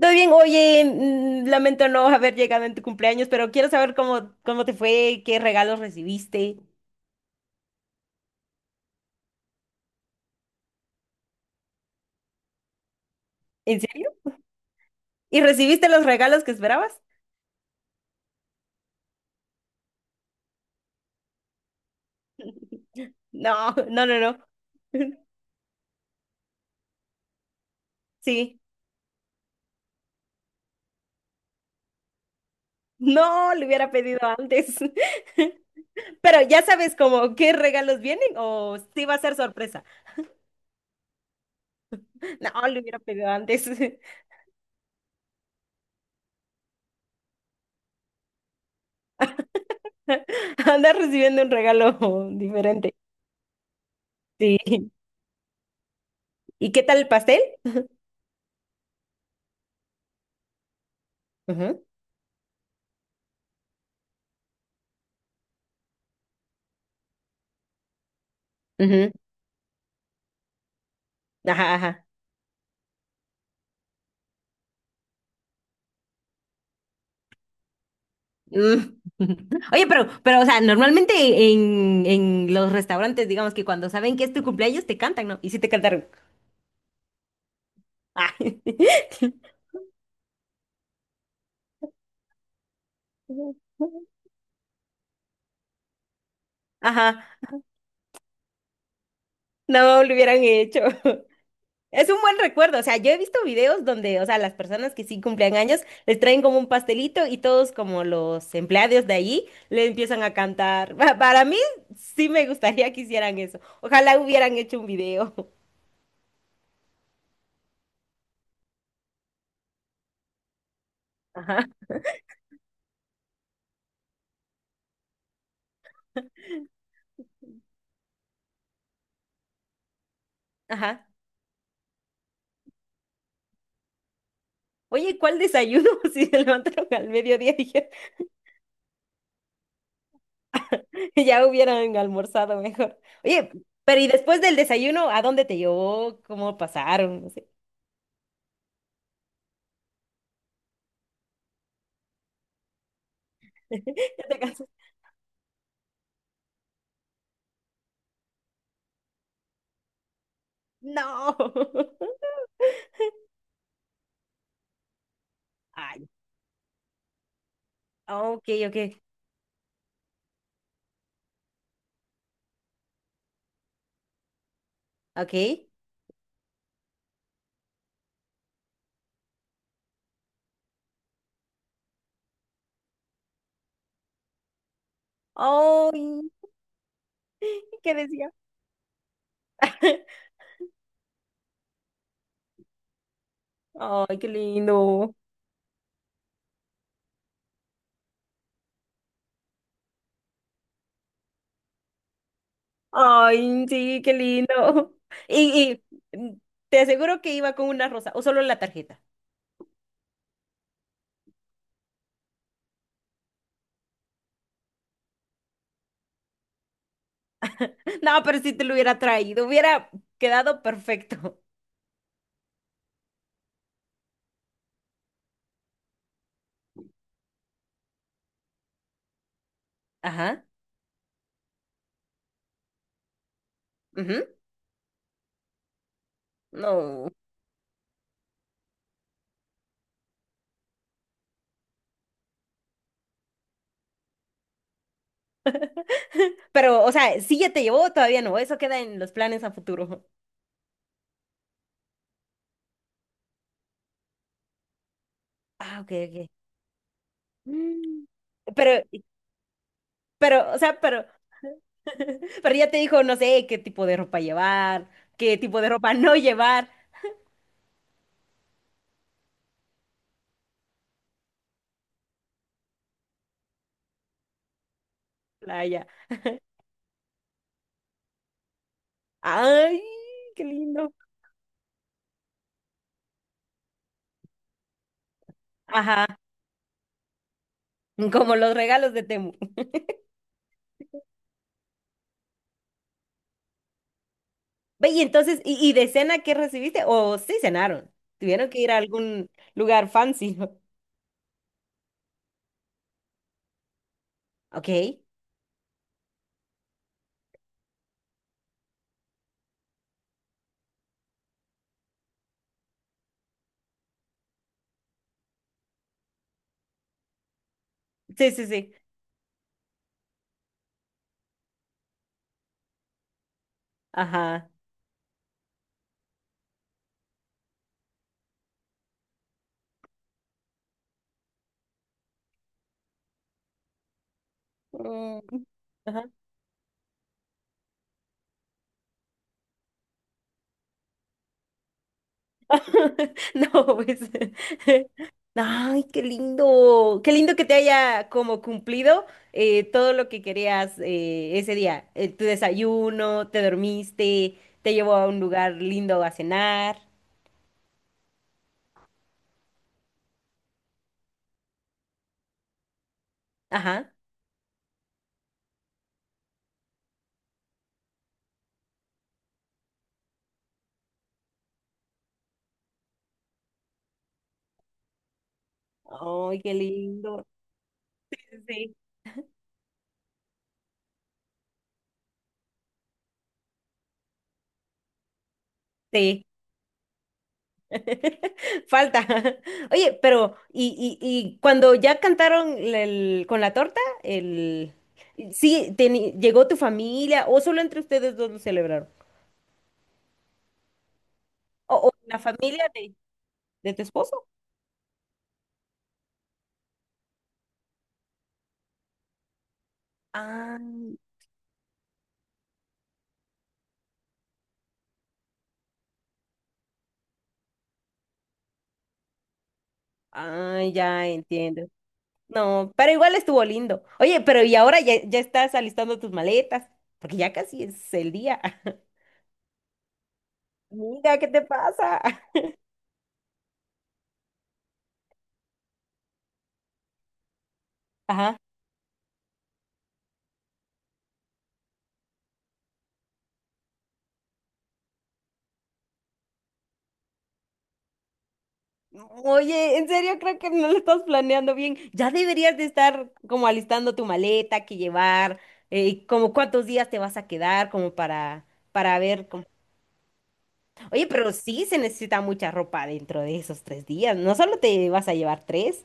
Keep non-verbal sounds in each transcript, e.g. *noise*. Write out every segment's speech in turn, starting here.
Todo bien, oye, lamento no haber llegado en tu cumpleaños, pero quiero saber cómo te fue, qué regalos recibiste. ¿En serio? ¿Y recibiste los regalos que esperabas? *laughs* No, no, no, no. *laughs* Sí, no, le hubiera pedido antes. *laughs* Pero ya sabes como qué regalos vienen o sí va a ser sorpresa. No, le hubiera pedido antes. *laughs* Andas recibiendo un regalo *laughs* diferente. Sí. ¿Y qué tal el pastel? Ujú, ujú. Ajá, ajá. Mm. *laughs* Oye, pero, o sea, normalmente en los restaurantes, digamos que cuando saben que es tu cumpleaños, te cantan, ¿no? Y sí te cantaron. Ay. *laughs* Ajá, no lo hubieran hecho. *laughs* Es un buen recuerdo, o sea, yo he visto videos donde, o sea, las personas que sí cumplen años les traen como un pastelito y todos como los empleados de allí le empiezan a cantar. *laughs* Para mí sí me gustaría que hicieran eso. Ojalá hubieran hecho un video. *laughs* Ajá. Ajá. Oye, ¿cuál desayuno? *laughs* Si se levantaron al mediodía, dije, ya hubieran almorzado mejor. Oye, pero ¿y después del desayuno, a dónde te llevó? ¿Cómo pasaron? No sé. ¿Ya te cansaste? No. *laughs* Ay, ok, ok, ok. Ay, ¿qué decía? *laughs* Ay, qué lindo. Ay, sí, qué lindo. *laughs* Y, y, mm, te aseguro que iba con una rosa o solo la tarjeta. *laughs* No, pero si te lo hubiera traído, hubiera quedado perfecto. *laughs* Ajá. No. Pero, o sea, sí ya te llevó, todavía no. Eso queda en los planes a futuro. Ah, ok, ok. Mm. Pero, pero, o sea, pero ya te dijo, no sé, qué tipo de ropa llevar, qué tipo de ropa *laughs* no llevar. Playa. Ay, qué lindo. Ajá. Como los regalos de Temu. Ve, y entonces, ¿ y de cena qué recibiste? O sí cenaron. Tuvieron que ir a algún lugar fancy, *laughs* ¿no? Ok. Sí, sí, sí. Ajá. Mm. Ajá. *laughs* No, pues. *laughs* Ay, qué lindo. Qué lindo que te haya como cumplido todo lo que querías ese día. Tu desayuno, te dormiste, te llevó a un lugar lindo a cenar. Ajá. Ay, qué lindo. Sí. Sí. *laughs* Falta. *laughs* Oye, pero, ¿ y cuando ya cantaron el- con la torta, el... Sí, teni- ¿llegó tu familia o solo entre ustedes dos lo celebraron? O la familia de tu esposo. Ah, ah, ya entiendo. No, pero igual estuvo lindo. Oye, pero y ahora ya estás alistando tus maletas, porque ya casi es el día. *laughs* Mira, ¿qué te pasa? *laughs* Ajá. Oye, en serio creo que no lo estás planeando bien. Ya deberías de estar como alistando tu maleta, que llevar, como cuántos días te vas a quedar, como para ver cómo- Oye, pero sí se necesita mucha ropa dentro de esos tres días. No solo te vas a llevar tres.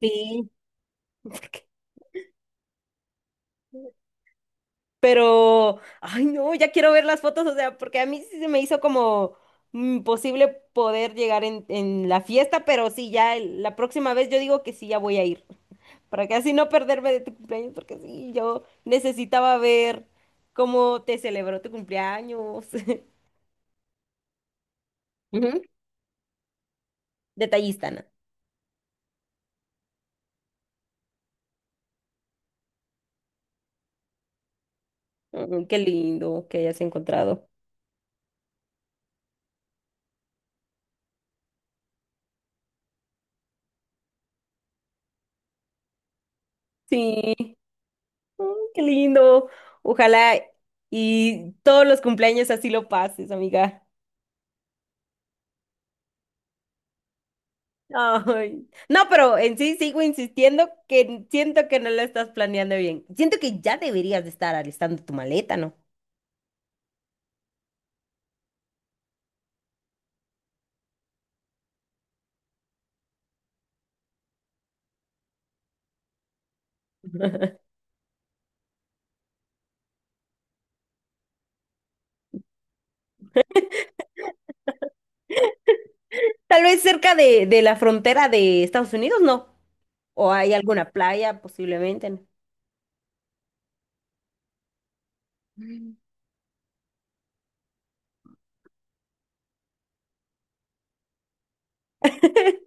Sí, pero, ay no, ya quiero ver las fotos, o sea, porque a mí sí se me hizo como imposible poder llegar en la fiesta, pero sí, ya el- la próxima vez yo digo que sí, ya voy a ir, para que así no perderme de tu cumpleaños, porque sí, yo necesitaba ver cómo te celebró tu cumpleaños. *laughs* Ujú. Detallista, Ana. Ay, qué lindo que hayas encontrado. Sí, ay, qué lindo. Ojalá y todos los cumpleaños así lo pases, amiga. Ay. No, pero en sí sigo insistiendo que siento que no lo estás planeando bien. Siento que ya deberías de estar alistando tu maleta, ¿no? Tal vez cerca de la frontera de Estados Unidos, ¿no? O hay alguna playa, posiblemente, ¿no?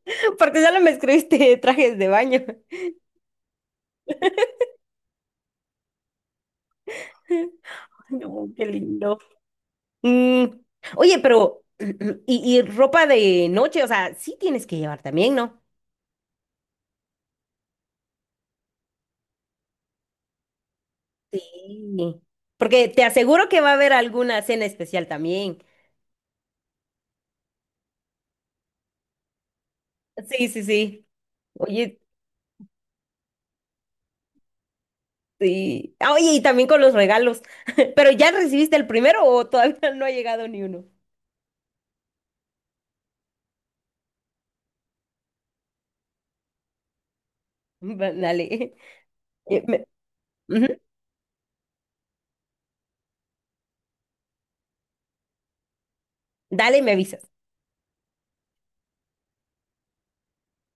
*laughs* Porque solo me escribiste trajes de baño. *laughs* Ay, no, qué lindo. Mm. Oye, pero, *clears throat* y ropa de noche, o sea, sí tienes que llevar también, ¿no? Sí. Porque te aseguro que va a haber alguna cena especial también. Sí, sí, sí. Oye, sí. Ah, oye, y también con los regalos. *laughs* ¿Pero ya recibiste el primero o todavía *laughs* no ha llegado ni uno? *laughs* Va- Dale. *laughs* Me- ujú. Dale, me avisas.